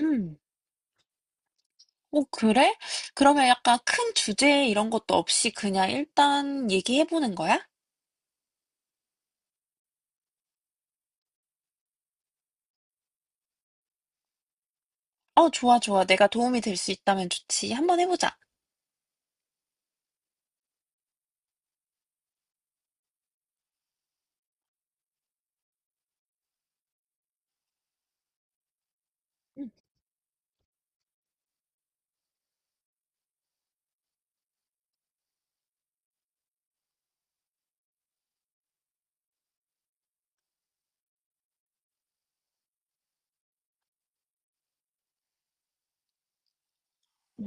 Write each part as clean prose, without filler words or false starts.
음. 그래? 그러면 약간 큰 주제 이런 것도 없이 그냥 일단 얘기해보는 거야? 좋아, 좋아. 내가 도움이 될 수 있다면 좋지. 한번 해보자. 응.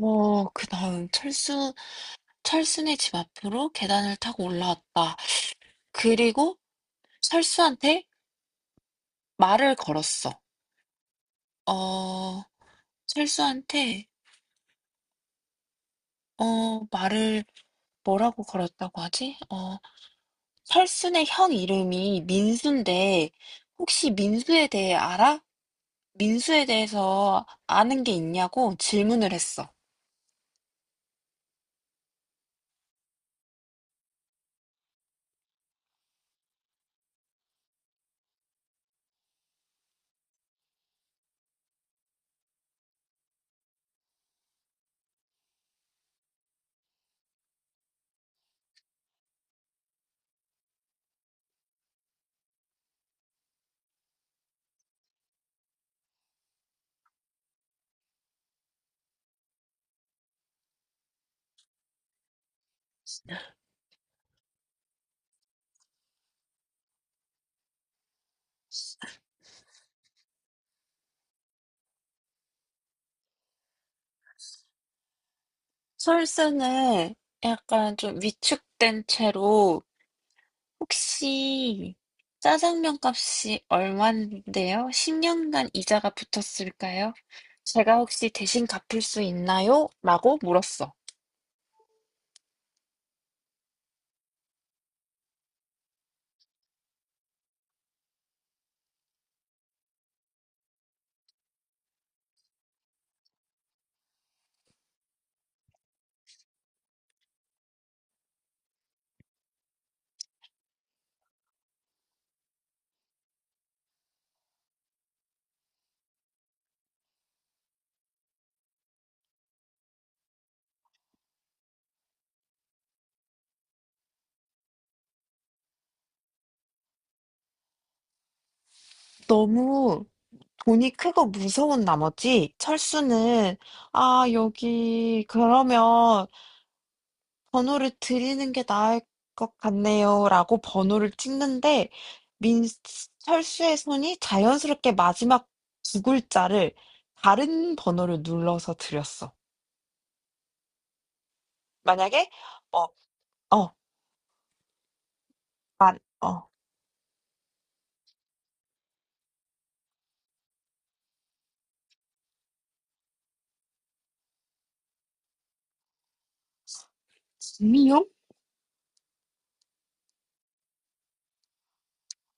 그 다음, 철수네 집 앞으로 계단을 타고 올라왔다. 그리고 철수한테 말을 걸었어. 어, 철수한테, 말을 뭐라고 걸었다고 하지? 철수네 형 이름이 민수인데, 혹시 민수에 대해 알아? 민수에 대해서 아는 게 있냐고 질문을 했어. 설사는 약간 좀 위축된 채로 혹시 짜장면 값이 얼마인데요? 10년간 이자가 붙었을까요? 제가 혹시 대신 갚을 수 있나요? 라고 물었어. 너무 돈이 크고 무서운 나머지 철수는 아, 여기 그러면 번호를 드리는 게 나을 것 같네요라고 번호를 찍는데 민철수의 손이 자연스럽게 마지막 두 글자를 다른 번호를 눌러서 드렸어. 만약에 어, 어, 만, 어, 김이영?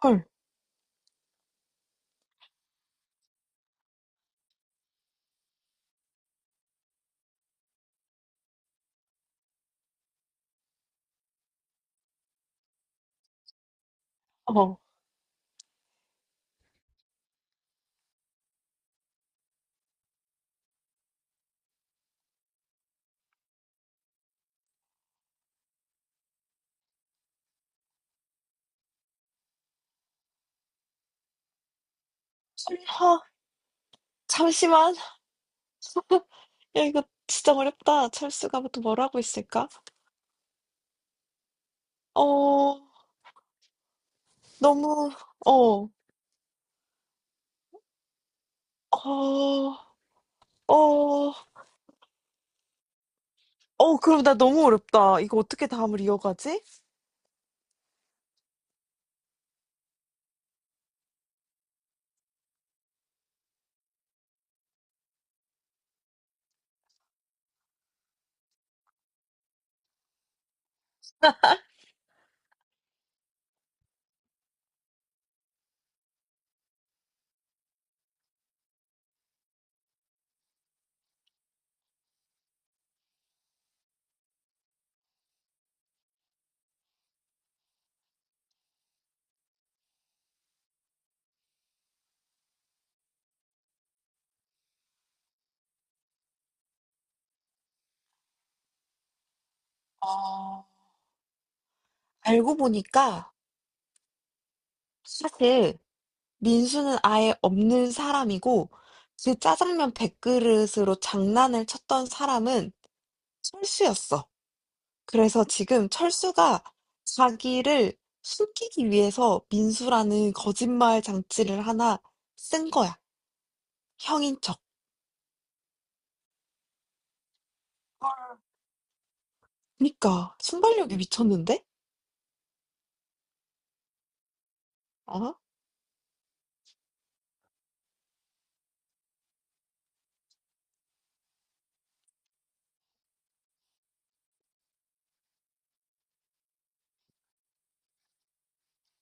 헐, 어, 설마, 잠시만. 야, 이거 진짜 어렵다. 철수가 또 뭘 하고 있을까? 어, 너무, 어, 어, 어, 그럼 나 너무 어렵다. 이거 어떻게 다음을 이어가지? 어. 알고 보니까 사실 민수는 아예 없는 사람이고 그 짜장면 100그릇으로 장난을 쳤던 사람은 철수였어. 그래서 지금 철수가 자기를 숨기기 위해서 민수라는 거짓말 장치를 하나 쓴 거야. 형인 척. 그러니까 순발력이 미쳤는데? 어?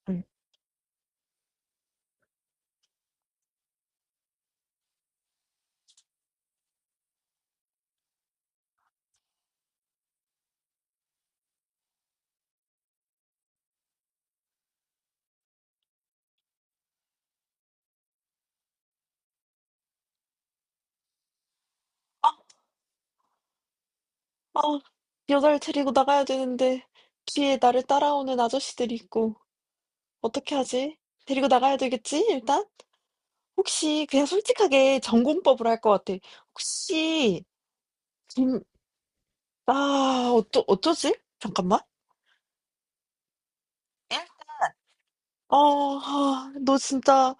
응. 아, 아, 여자를 데리고 나가야 되는데 뒤에 나를 따라오는 아저씨들이 있고. '어떻게 하지? 데리고 나가야 되겠지 일단?' 혹시 그냥 솔직하게 전공법으로 할 것 같아. 혹시 김 아 어쩌지? 잠깐만. 어 아 너 진짜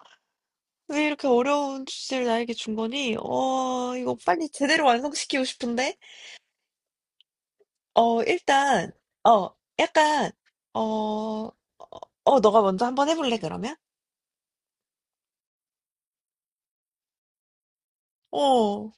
왜 이렇게 어려운 주제를 나에게 준 거니? 어 이거 빨리 제대로 완성시키고 싶은데. 어 일단 어 약간 어 너가 먼저 한번 해 볼래 그러면? 어.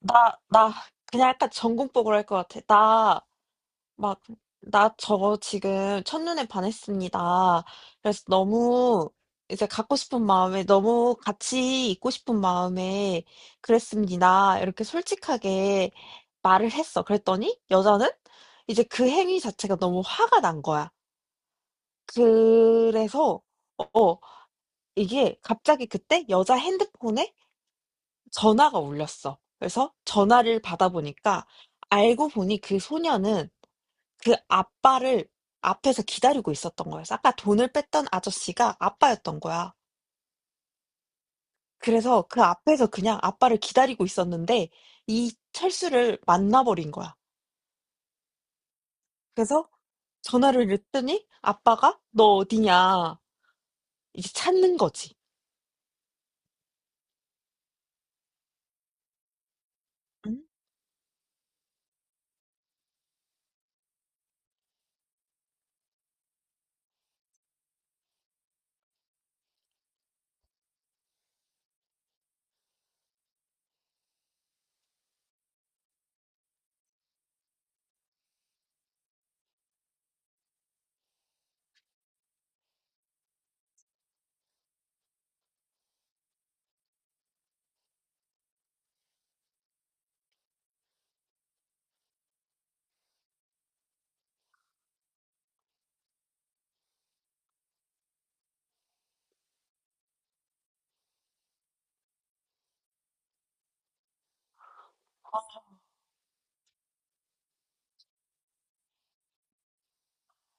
나 그냥 약간 전공법으로 할 것 같아. 나 막, 나 저거 지금 첫눈에 반했습니다. 그래서 너무 이제 갖고 싶은 마음에, 너무 같이 있고 싶은 마음에 그랬습니다. 이렇게 솔직하게 말을 했어. 그랬더니 여자는 이제 그 행위 자체가 너무 화가 난 거야. 그래서, 어, 어, 이게 갑자기 그때 여자 핸드폰에 전화가 울렸어. 그래서 전화를 받아보니까 알고 보니 그 소녀는 그 아빠를 앞에서 기다리고 있었던 거였어. 아까 돈을 뺐던 아저씨가 아빠였던 거야. 그래서 그 앞에서 그냥 아빠를 기다리고 있었는데 이 철수를 만나버린 거야. 그래서 전화를 했더니 아빠가 너 어디냐 이제 찾는 거지. 응?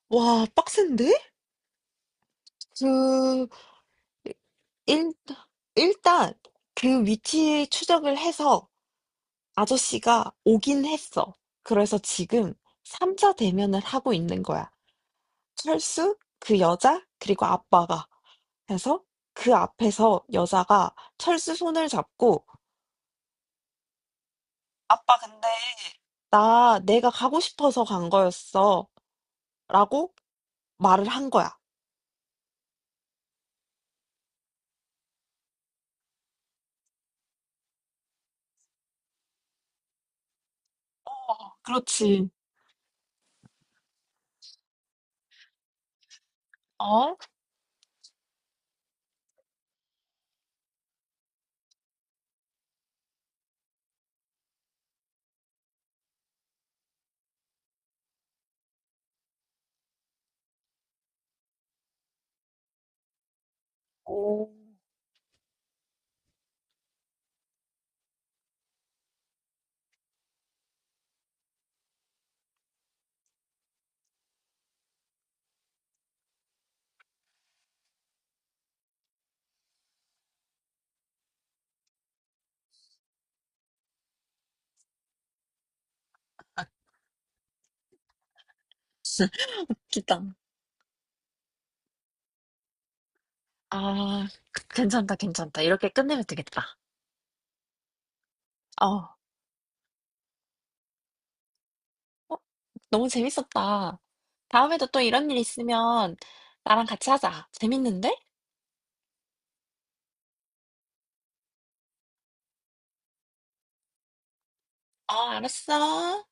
와, 빡센데? 그 일, 일단 그 위치 추적을 해서 아저씨가 오긴 했어. 그래서 지금 3자 대면을 하고 있는 거야. 철수, 그 여자, 그리고 아빠가 해서 그 앞에서 여자가 철수 손을 잡고 아빠 근데 나 내가 가고 싶어서 간 거였어 라고 말을 한 거야. 그렇지. 어? 오. 기다. 아, 괜찮다, 괜찮다. 이렇게 끝내면 되겠다. 어, 어, 너무 재밌었다. 다음에도 또 이런 일 있으면 나랑 같이 하자. 재밌는데? 어, 알았어.